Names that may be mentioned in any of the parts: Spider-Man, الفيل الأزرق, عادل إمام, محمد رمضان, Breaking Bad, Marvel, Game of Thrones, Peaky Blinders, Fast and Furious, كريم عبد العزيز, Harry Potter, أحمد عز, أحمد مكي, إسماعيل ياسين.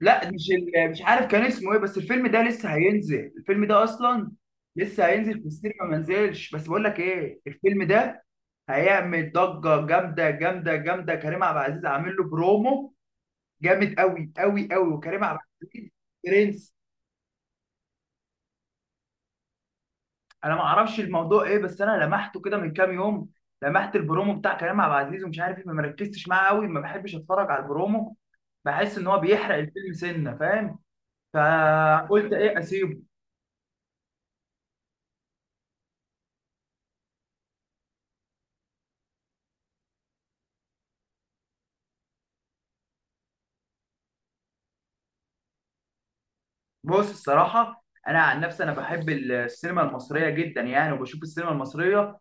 لا، مش عارف كان اسمه ايه، بس الفيلم ده لسه هينزل، الفيلم ده اصلا لسه هينزل في السينما ما نزلش، بس بقول لك ايه، الفيلم ده هيعمل ضجه جامده جامده جامده. كريم عبد العزيز عامل له برومو جامد قوي قوي قوي، وكريم عبد العزيز برنس. انا ما اعرفش الموضوع ايه، بس انا لمحته كده من كام يوم، لمحت البرومو بتاع كريم عبد العزيز ومش عارف ايه، ما مركزتش معاه قوي، ما بحبش اتفرج على البرومو، بحس ان هو بيحرق الفيلم سنه، فاهم؟ فقلت ايه اسيبه. بص، الصراحة أنا عن نفسي أنا بحب السينما المصرية جدا يعني، وبشوف السينما المصرية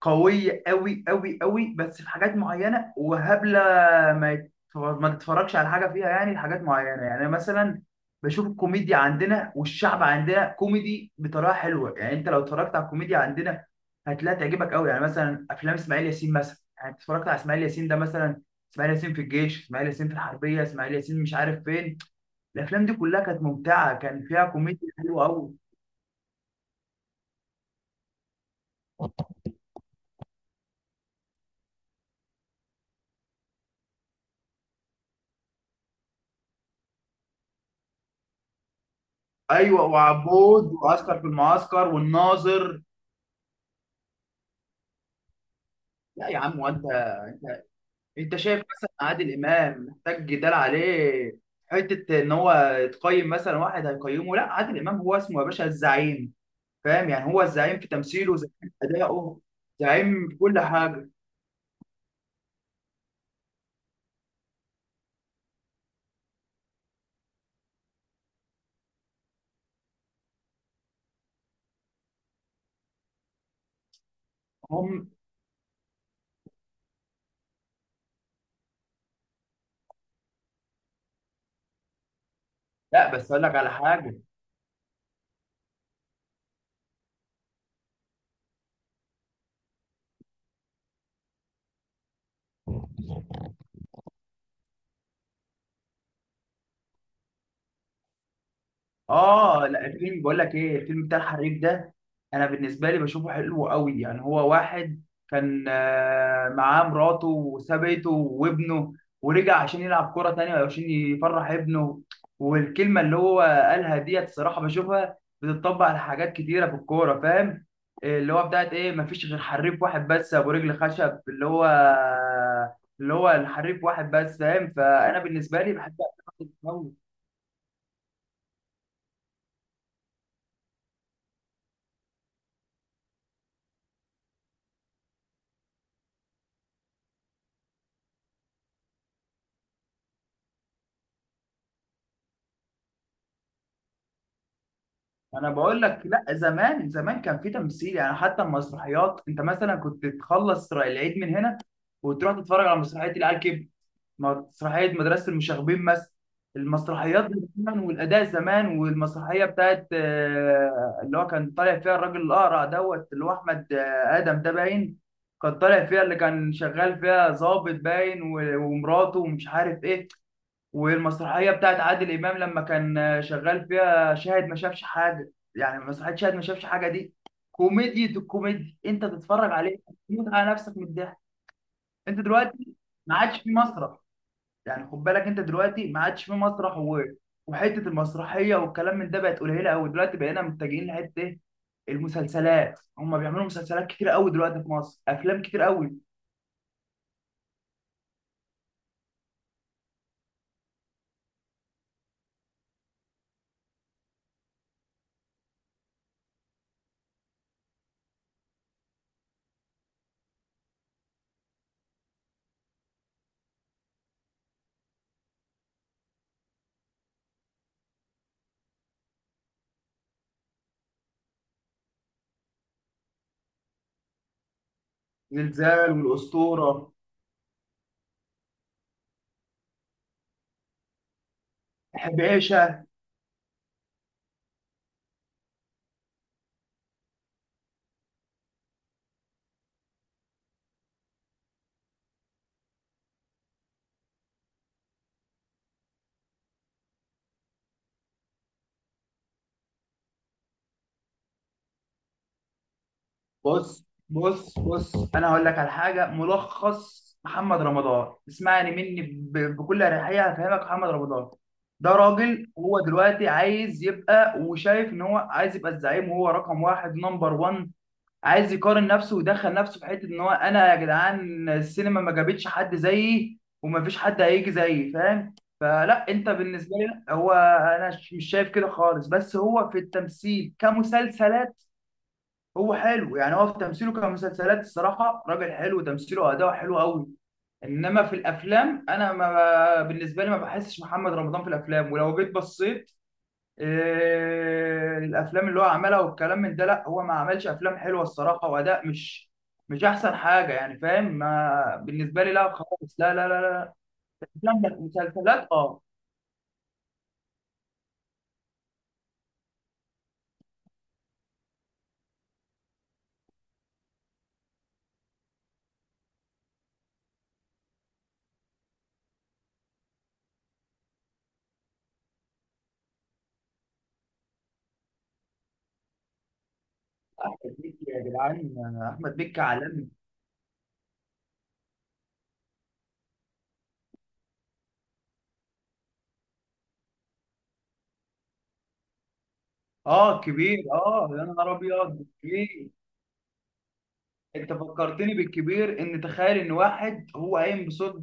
قوية أوي أوي أوي، بس في حاجات معينة وهبلة ما تتفرجش على حاجة فيها يعني، لحاجات معينة. يعني مثلا بشوف الكوميديا عندنا، والشعب عندنا كوميدي بطريقة حلوة يعني، أنت لو اتفرجت على الكوميديا عندنا هتلاقيها تعجبك أوي. يعني مثلا أفلام إسماعيل ياسين مثلا، يعني أنت اتفرجت على إسماعيل ياسين ده مثلا، إسماعيل ياسين في الجيش، إسماعيل ياسين في الحربية، إسماعيل ياسين مش عارف فين. الافلام دي كلها كانت ممتعه، كان فيها كوميديا حلوه قوي. ايوه، وعبود، وعسكر في المعسكر، والناظر. لا يا عم، وانت انت شايف مثلا عادل امام محتاج جدال عليه؟ حته ان هو يتقيم؟ مثلا واحد هيقيمه؟ لا، عادل امام هو اسمه يا باشا الزعيم، فاهم؟ يعني هو الزعيم في تمثيله، زعيم في ادائه، زعيم في كل حاجه. هم. لا، بس اقول لك على حاجه. اه، لا، الفيلم، بقول لك ايه، الفيلم بتاع الحريق ده، انا بالنسبه لي بشوفه حلو قوي، يعني هو واحد كان معاه مراته وسابته وابنه، ورجع عشان يلعب كوره تانية وعشان يفرح ابنه، والكلمه اللي هو قالها ديت الصراحه بشوفها بتطبق على حاجات كتيره في الكوره، فاهم؟ إيه اللي هو بتاعت ايه، مفيش غير حريف واحد بس، ابو رجل خشب اللي هو الحريف واحد بس، فاهم؟ فانا بالنسبه لي بحب أفلام. انا بقول لك، لا زمان، زمان كان في تمثيل يعني، حتى المسرحيات، انت مثلا كنت تخلص العيد من هنا وتروح تتفرج على مسرحيه العيال كبر، مسرحيه مدرسه المشاغبين مثلا. المسرحيات دي زمان، والاداء زمان، والمسرحيه بتاعت اللي هو كان طالع فيها الراجل الاقرع دوت اللي هو احمد ادم ده باين، كان طالع فيها، اللي كان شغال فيها ضابط باين ومراته ومش عارف ايه، والمسرحيه بتاعت عادل امام لما كان شغال فيها شاهد ما شافش حاجه، يعني مسرحيه شاهد ما شافش حاجه دي كوميديا، الكوميديا انت تتفرج عليه تموت على نفسك من الضحك. انت دلوقتي ما عادش في مسرح، يعني خد بالك، انت دلوقتي ما عادش في مسرح وحته المسرحيه والكلام من ده بقت قليله قوي دلوقتي، بقينا متجهين لحته ايه، المسلسلات، هم بيعملوا مسلسلات كتير قوي دلوقتي في مصر، افلام كتير قوي. زلزال والاسطوره. حبيشه. بص بص بص، انا هقول لك على حاجه ملخص محمد رمضان، اسمعني مني بكل اريحيه هفهمك محمد رمضان ده راجل، هو دلوقتي عايز يبقى وشايف ان هو عايز يبقى الزعيم، وهو رقم واحد نمبر 1، عايز يقارن نفسه ويدخل نفسه في حته ان هو انا يا جدعان السينما ما جابتش حد زيي ومفيش حد هيجي زيي، فاهم؟ فلا، انت بالنسبه لي لا، هو انا مش شايف كده خالص، بس هو في التمثيل كمسلسلات هو حلو يعني، هو في تمثيله كمسلسلات الصراحه راجل حلو، تمثيله واداؤه حلو قوي، انما في الافلام انا، ما بالنسبه لي ما بحسش محمد رمضان في الافلام، ولو جيت بصيت الافلام اللي هو عملها والكلام من ده، لا، هو ما عملش افلام حلوه الصراحه، واداء مش احسن حاجه يعني، فاهم؟ ما بالنسبه لي لا خالص، لا لا لا لا. افلام لا. مسلسلات اه. احمد مكي يا جدعان، احمد مكي عالمي. اه كبير، اه يا نهار ابيض كبير. انت فكرتني بالكبير، ان تخيل ان واحد هو قايم بصوت،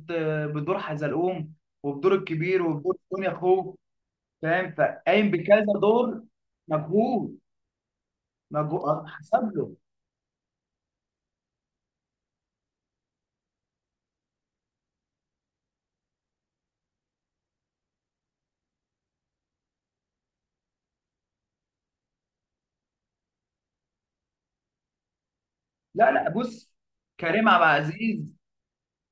بدور حزلقوم، وبدور الكبير، وبدور دنيا اخوه، فاهم؟ فقايم بكذا دور. مجهود، مجهود حسب له. لا لا، بص، كريم عبد العزيز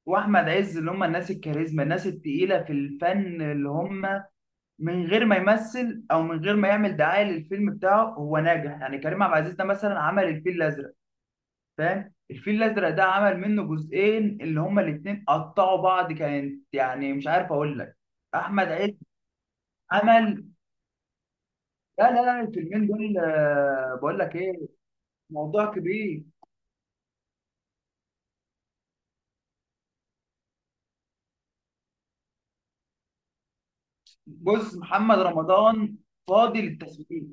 واحمد عز اللي هم الناس الكاريزما، الناس التقيله في الفن، اللي هم من غير ما يمثل او من غير ما يعمل دعايه للفيلم بتاعه هو ناجح، يعني كريم عبد العزيز ده مثلا عمل الفيل الازرق، فاهم؟ الفيل الازرق ده عمل منه جزئين، اللي هما الاتنين قطعوا بعض، كانت يعني مش عارف اقول لك. احمد عز عمل. لا لا لا، الفيلمين دول بقول لك ايه، موضوع كبير. بص محمد رمضان فاضي للتسويق،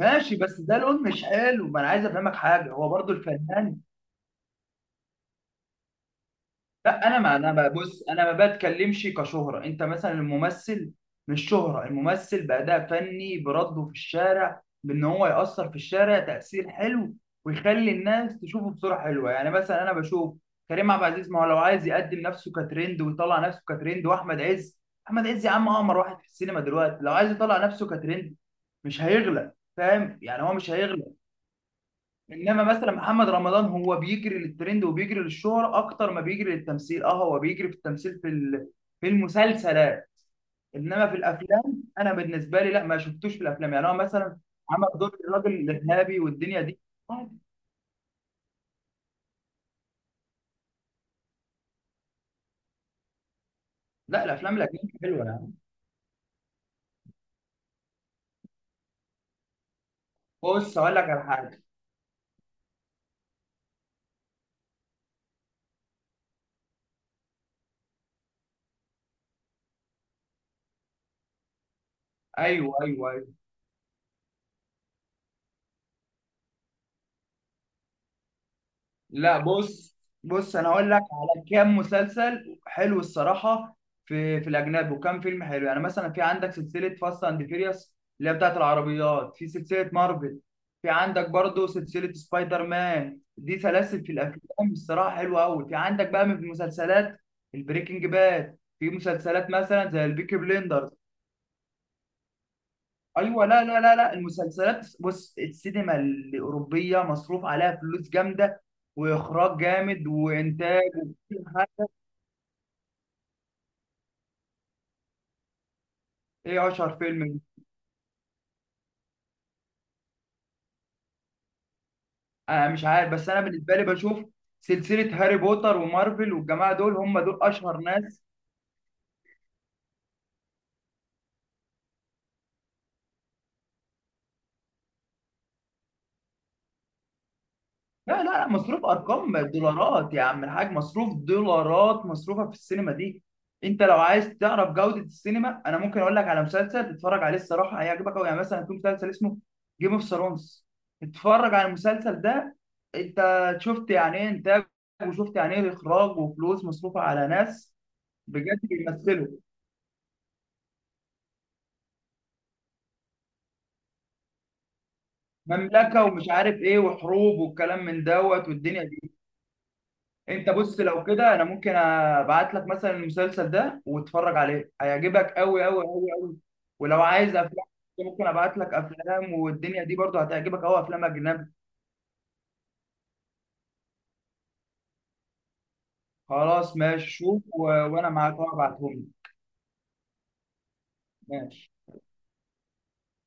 ماشي، بس ده لون مش حلو، ما انا عايز افهمك حاجه، هو برضو الفنان. لا انا بص، انا ما بتكلمش كشهره، انت مثلا الممثل، مش شهره الممثل، باداء فني، برده في الشارع بان هو ياثر في الشارع تاثير حلو، ويخلي الناس تشوفه بصوره حلوه، يعني مثلا انا بشوف كريم عبد العزيز، ما هو لو عايز يقدم نفسه كترند ويطلع نفسه كترند، واحمد عز، احمد عز يا عم اقمر واحد في السينما دلوقتي، لو عايز يطلع نفسه كترند مش هيغلى، فاهم؟ يعني هو مش هيغلى. انما مثلا محمد رمضان، هو بيجري للترند وبيجري للشهرة اكتر ما بيجري للتمثيل، اه هو بيجري في التمثيل في المسلسلات، انما في الافلام انا بالنسبه لي لا، ما شفتوش في الافلام، يعني هو مثلا عمل دور الراجل الارهابي والدنيا دي، عادي. لا الافلام الاجنبيه حلوه يعني، بص اقول لك على حاجه. ايوه ايوه، أيوه. لا بص بص، انا اقول لك على كام مسلسل حلو الصراحه في الاجنبي، وكام فيلم حلو، يعني مثلا في عندك سلسله فاست اند فيريوس اللي هي بتاعت العربيات، في سلسله مارفل، في عندك برضو سلسله سبايدر مان، دي سلاسل في الافلام الصراحه حلوه قوي، في عندك بقى من المسلسلات البريكنج باد، في مسلسلات مثلا زي البيكي بليندرز. ايوه لا لا لا لا، المسلسلات، بص، السينما الاوروبيه مصروف عليها فلوس جامده، واخراج جامد، وانتاج، وكل حاجه. ايه اشهر فيلم؟ انا مش عارف، بس انا بالنسبه لي بشوف سلسله هاري بوتر ومارفل والجماعه دول، هم دول اشهر ناس. لا لا لا، مصروف ارقام دولارات يا عم الحاج، مصروف دولارات مصروفه في السينما دي. انت لو عايز تعرف جوده السينما، انا ممكن اقول لك على مسلسل تتفرج عليه الصراحه هيعجبك قوي، يعني مثلا في مسلسل اسمه جيم اوف ثرونز، اتفرج على المسلسل ده، انت شفت يعني ايه انتاج، وشفت يعني ايه اخراج وفلوس مصروفه على ناس بجد بيمثلوا، مملكه ومش عارف ايه وحروب والكلام من دوت والدنيا. انت بص لو كده انا ممكن ابعت لك مثلا المسلسل ده، واتفرج عليه هيعجبك قوي قوي قوي قوي، ولو عايز افلام ممكن ابعت لك افلام والدنيا دي برضه هتعجبك قوي، افلام اجنبي. خلاص ماشي شوف وانا معاك أهو، هبعتهم لك. ماشي